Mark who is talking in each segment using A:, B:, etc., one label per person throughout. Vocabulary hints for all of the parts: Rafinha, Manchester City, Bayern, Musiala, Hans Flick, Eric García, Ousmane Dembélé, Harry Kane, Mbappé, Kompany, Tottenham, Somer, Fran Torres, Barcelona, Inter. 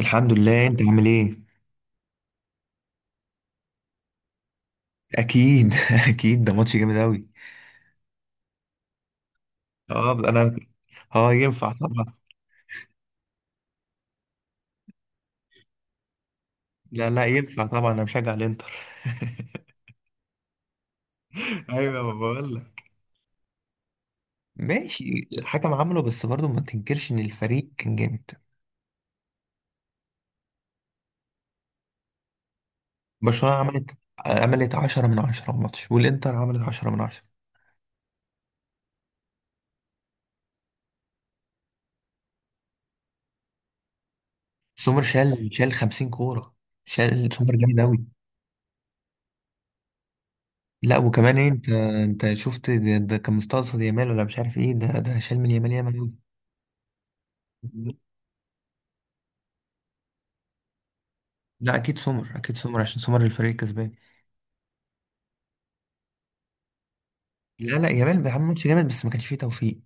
A: الحمد لله، انت عامل ايه؟ اكيد اكيد ده ماتش جامد اوي. اه، انا. اه، ينفع طبعا. لا لا، ينفع طبعا، انا مشجع الانتر. ايوه، ما بقول لك. ماشي. الحكم عمله، بس برضه ما تنكرش ان الفريق كان جامد. برشلونة عملت 10 من 10 الماتش، والانتر عملت 10 من 10. سومر شال 50 كورة. شال سومر جامد اوي. لا، وكمان إيه، انت. انت شفت ده كان مستقصد يامال ولا مش عارف ايه، ده شال من يامال يامال. اوي. لا، اكيد سمر، اكيد سمر، عشان سمر الفريق الكسبان. لا لا، جمال بيعمل ماتش جامد بس ما كانش فيه توفيق.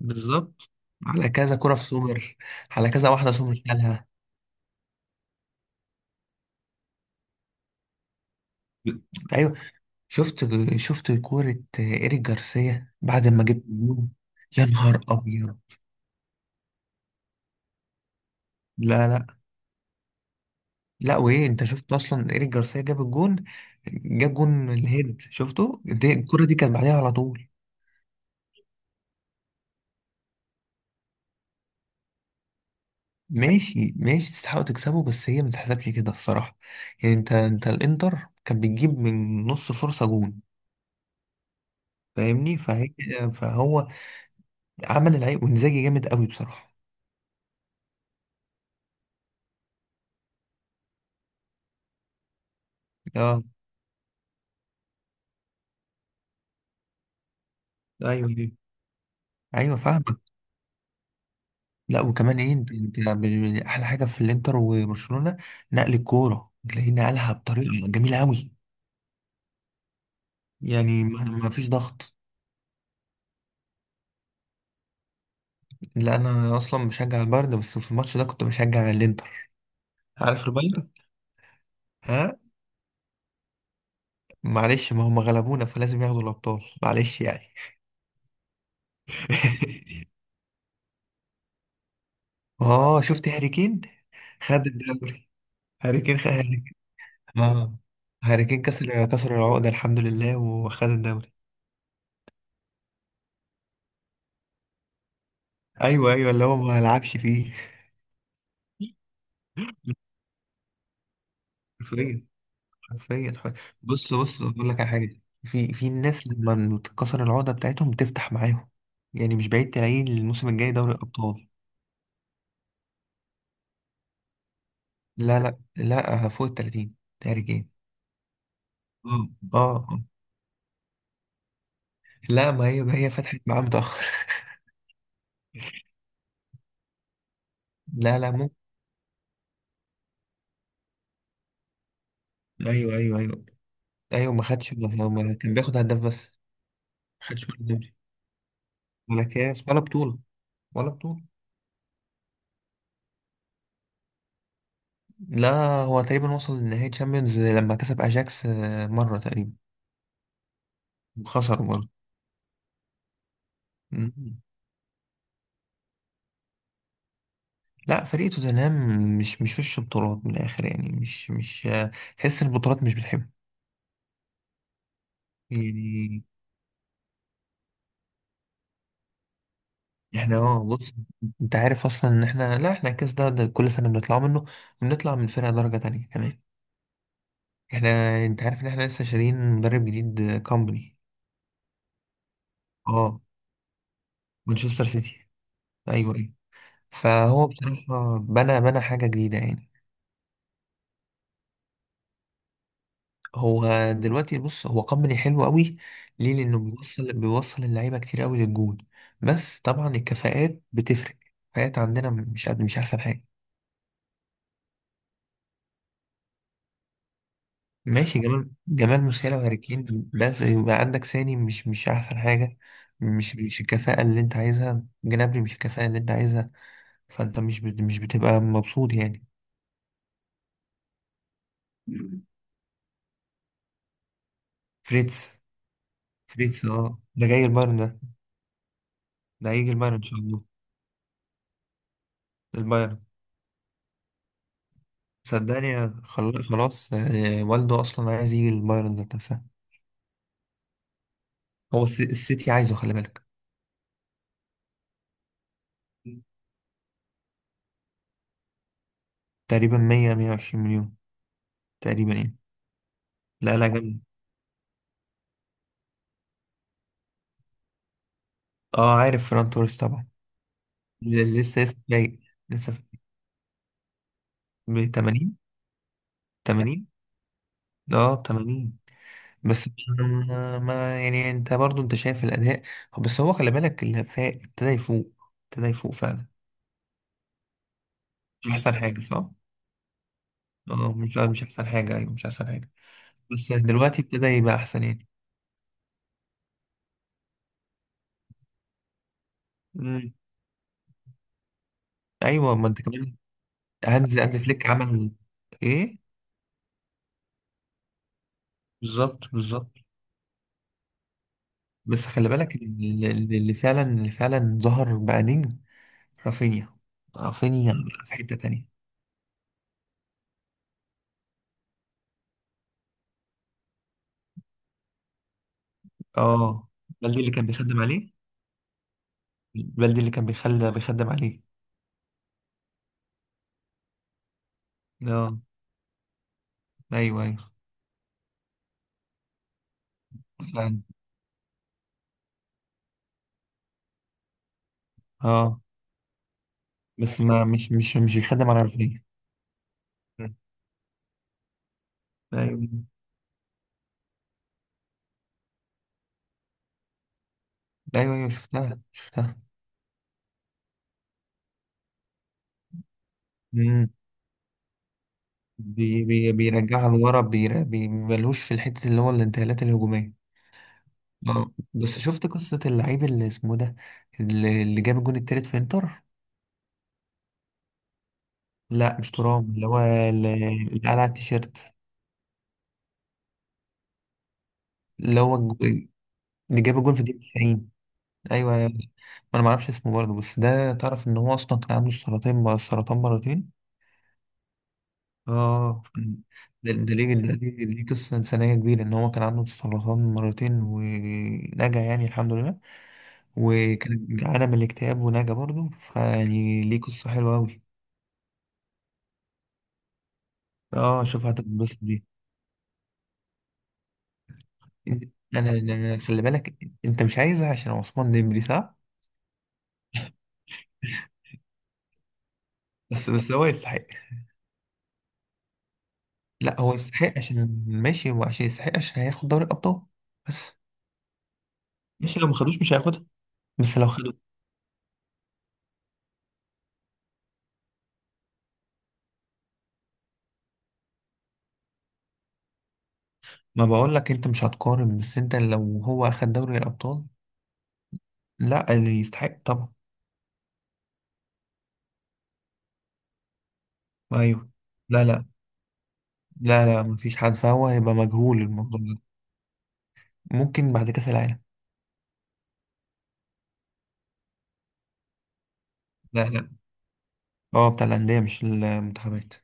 A: بالظبط. على كذا كرة في سمر. على كذا واحدة سمر شالها. ايوه، شفت شفت كورة ايريك جارسيا بعد ما جبت الجون. يا نهار ابيض. لا لا لا، وايه، انت شفت اصلا ايريك جارسيا جاب الجون. جاب جون الهيد، شفته دي الكرة دي كانت بعديها على طول. ماشي ماشي، تستحقوا تكسبوا بس هي ما تتحسبش كده الصراحة. يعني انت، انت الانتر كان بيجيب من نص فرصة جون. فاهمني فهي. فهو عمل العيب وانزاجي جامد قوي بصراحة. اه. ايوه ايوه ايوه، فاهمك. لا، وكمان ايه، احلى حاجة في الانتر وبرشلونة، نقل الكورة تلاقيه نقلها بطريقة جميلة قوي. يعني ما فيش ضغط. لا، انا اصلا بشجع البايرن، بس في الماتش ده كنت بشجع الانتر. عارف البايرن. ها. معلش، ما هم غلبونا فلازم ياخدوا الأبطال، معلش يعني. اه، شفت هاري كين. خد الدوري. هاري كين خد هاري كين. اه، هاري كين كسر العقدة الحمد لله وخد الدوري. ايوه ايوه، اللي هو ما لعبش فيه. حرفيا. حرفيا. بص بص، اقول لك على حاجة في الناس، لما تتكسر العقدة بتاعتهم بتفتح معاهم. يعني مش بعيد تلاقيه الموسم الجاي دوري الأبطال. لا لا لا، فوق ال 30 هاري كين. اه. اه. لا، ما هي فتحت معاه متأخر. لا لا، ممكن. ايوه ايوه ايوه ايوه، ما خدش كان بياخد هداف بس. ما خدش ولا دوري ولا كاس ولا بطولة. ولا بطولة. لا، هو تقريبا وصل لنهائي تشامبيونز لما كسب اجاكس، مرة تقريبا. وخسر برضه. مم. لا، فريق توتنهام مش وش بطولات من الاخر، يعني مش. تحس إن البطولات مش بتحبه. يعني احنا، بص، انت عارف اصلا ان احنا، لا، احنا الكاس ده كل سنة بنطلع منه، بنطلع من فرقة درجة تانية كمان. احنا، انت عارف ان احنا لسه شارين مدرب جديد كومباني. اه. مانشستر سيتي. ايوه ايوه. فهو بصراحة بنى حاجة جديدة يعني. هو دلوقتي بص، هو كومباني حلو قوي، ليه؟ لانه بيوصل اللعيبة كتير قوي للجون. بس طبعا الكفاءات بتفرق. الكفاءات عندنا مش احسن حاجة. ماشي، جمال موسيالا وهاري كين، بس يبقى عندك ساني مش احسن حاجة. مش الكفاءة اللي انت عايزها، جنابري مش الكفاءة اللي انت عايزها. فانت مش بتبقى مبسوط يعني. فريتز. فريتز، ده جاي البايرن ده. ده هيجي البايرن ان شاء الله. البايرن. صدقني، خلاص، والده اصلا عايز يجي البايرن ذات نفسها. هو السيتي عايزه، خلي بالك. تقريبا 100 120 مليون. تقريبا يعني. لا لا، جامد. اه، عارف فران توريس طبعا. لسه جاي. لسه في. ب 80 80، اه 80. بس يعني انت برضو انت شايف الاداء. بس هو خلي بالك، اللي ابتدى يفوق، ابتدى يفوق فعلا. مش احسن حاجه صح؟ اه، مش لا، مش احسن حاجه، ايوه مش احسن حاجه. بس دلوقتي ابتدى يبقى احسن يعني. مم. ايوه، ما انت كمان. هانز فليك عمل ايه؟ بالظبط بالظبط. بس خلي بالك اللي فعلا ظهر بقى نجم. رافينيا. رافينيا بقى في حته تانيه. اه. بلدي اللي كان بيخدم عليه. بلدي اللي كان بيخلى بيخدم عليه. اه. ايوه ايوه، فعلا. اه، بس ما مش مش مش بيخدم على الخير. ايوه ايوه ايوه، شفتها شفتها. امم. بي بي بيرجعها لورا، بي ملهوش في الحته، اللي هو الانتقالات الهجوميه. اه، بس شفت قصه اللعيب اللي اسمه ده، اللي جاب الجون التالت في انتر. لا مش ترام، اللي هو اللي قال على التيشيرت. اللي هو اللي جاب الجون في الدقيقه 90. ايوه ايوه. انا ما اعرفش اسمه برضه، بس ده تعرف ان هو اصلا كان عنده سرطان سرطان مرتين. اه. ده ليه قصة إنسانية كبيرة، إن هو كان عنده سرطان مرتين ونجا يعني الحمد لله. وكان جعانة من الاكتئاب ونجا برضه، فيعني ليه قصة حلوة أوي. اه، شوف هتتبسط دي. أنت- أنا خلي بالك، أنت مش عايزها عشان عثمان ديمبلي صح؟ بس هو يستحق. لا، هو يستحق عشان ماشي، وعشان يستحق عشان هياخد دوري الأبطال. بس ماشي، لو ما خدوش مش هياخدها. بس لو خدوا، ما بقول لك انت مش هتقارن، بس انت لو هو اخد دوري الابطال. لا، اللي يستحق طبعا. ايوه. لا لا. لا لا، مفيش حد، فهو هيبقى مجهول الموضوع ده. ممكن بعد كأس العالم. لا لا. اه، بتاع الأندية مش المنتخبات.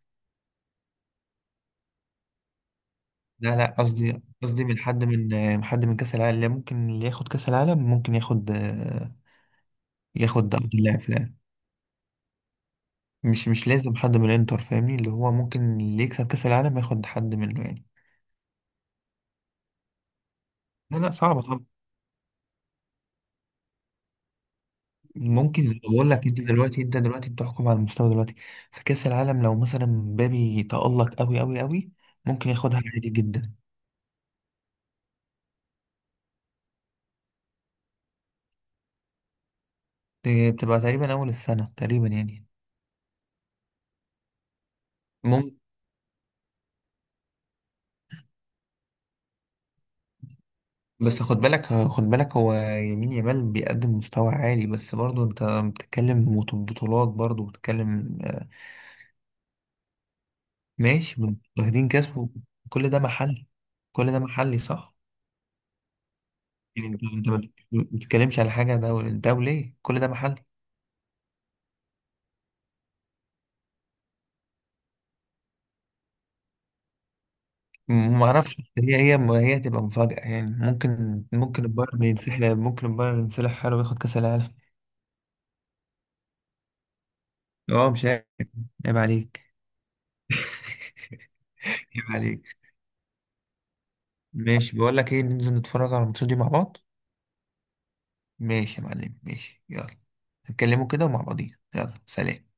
A: لا لا، قصدي من حد من كأس العالم. لا، ممكن اللي ياخد كأس العالم ممكن ياخد، ياخد أفضل لاعب في العالم. مش لازم حد من الانتر فاهمني، اللي هو ممكن اللي يكسب كأس العالم ياخد حد منه يعني. لا لا، صعبة. ممكن، بقول لك، انت دلوقتي بتحكم على المستوى دلوقتي. في كأس العالم، لو مثلا مبابي تألق قوي قوي قوي، ممكن ياخدها عادي جدا. دي بتبقى تقريبا اول السنة تقريبا يعني. ممكن. بس خد بالك خد بالك، هو يمين يامال بيقدم مستوى عالي، بس برضه انت بتتكلم بطولات، برضه بتتكلم. ماشي. واخدين كاس كل ده محلي. كل ده محلي صح. يعني انت ما بتتكلمش على حاجة دولية، كل ده محلي. ما اعرفش، هي هتبقى مفاجأة، يعني ممكن البايرن ينسحب حاله وياخد كأس العالم. اه، مش عيب. عيب عليك. عيب عليك. ماشي، بقول لك ايه، ننزل نتفرج على الماتشات دي مع بعض. ماشي يا معلم، ماشي، يلا. نتكلموا كده ومع بعضين، يلا سلام.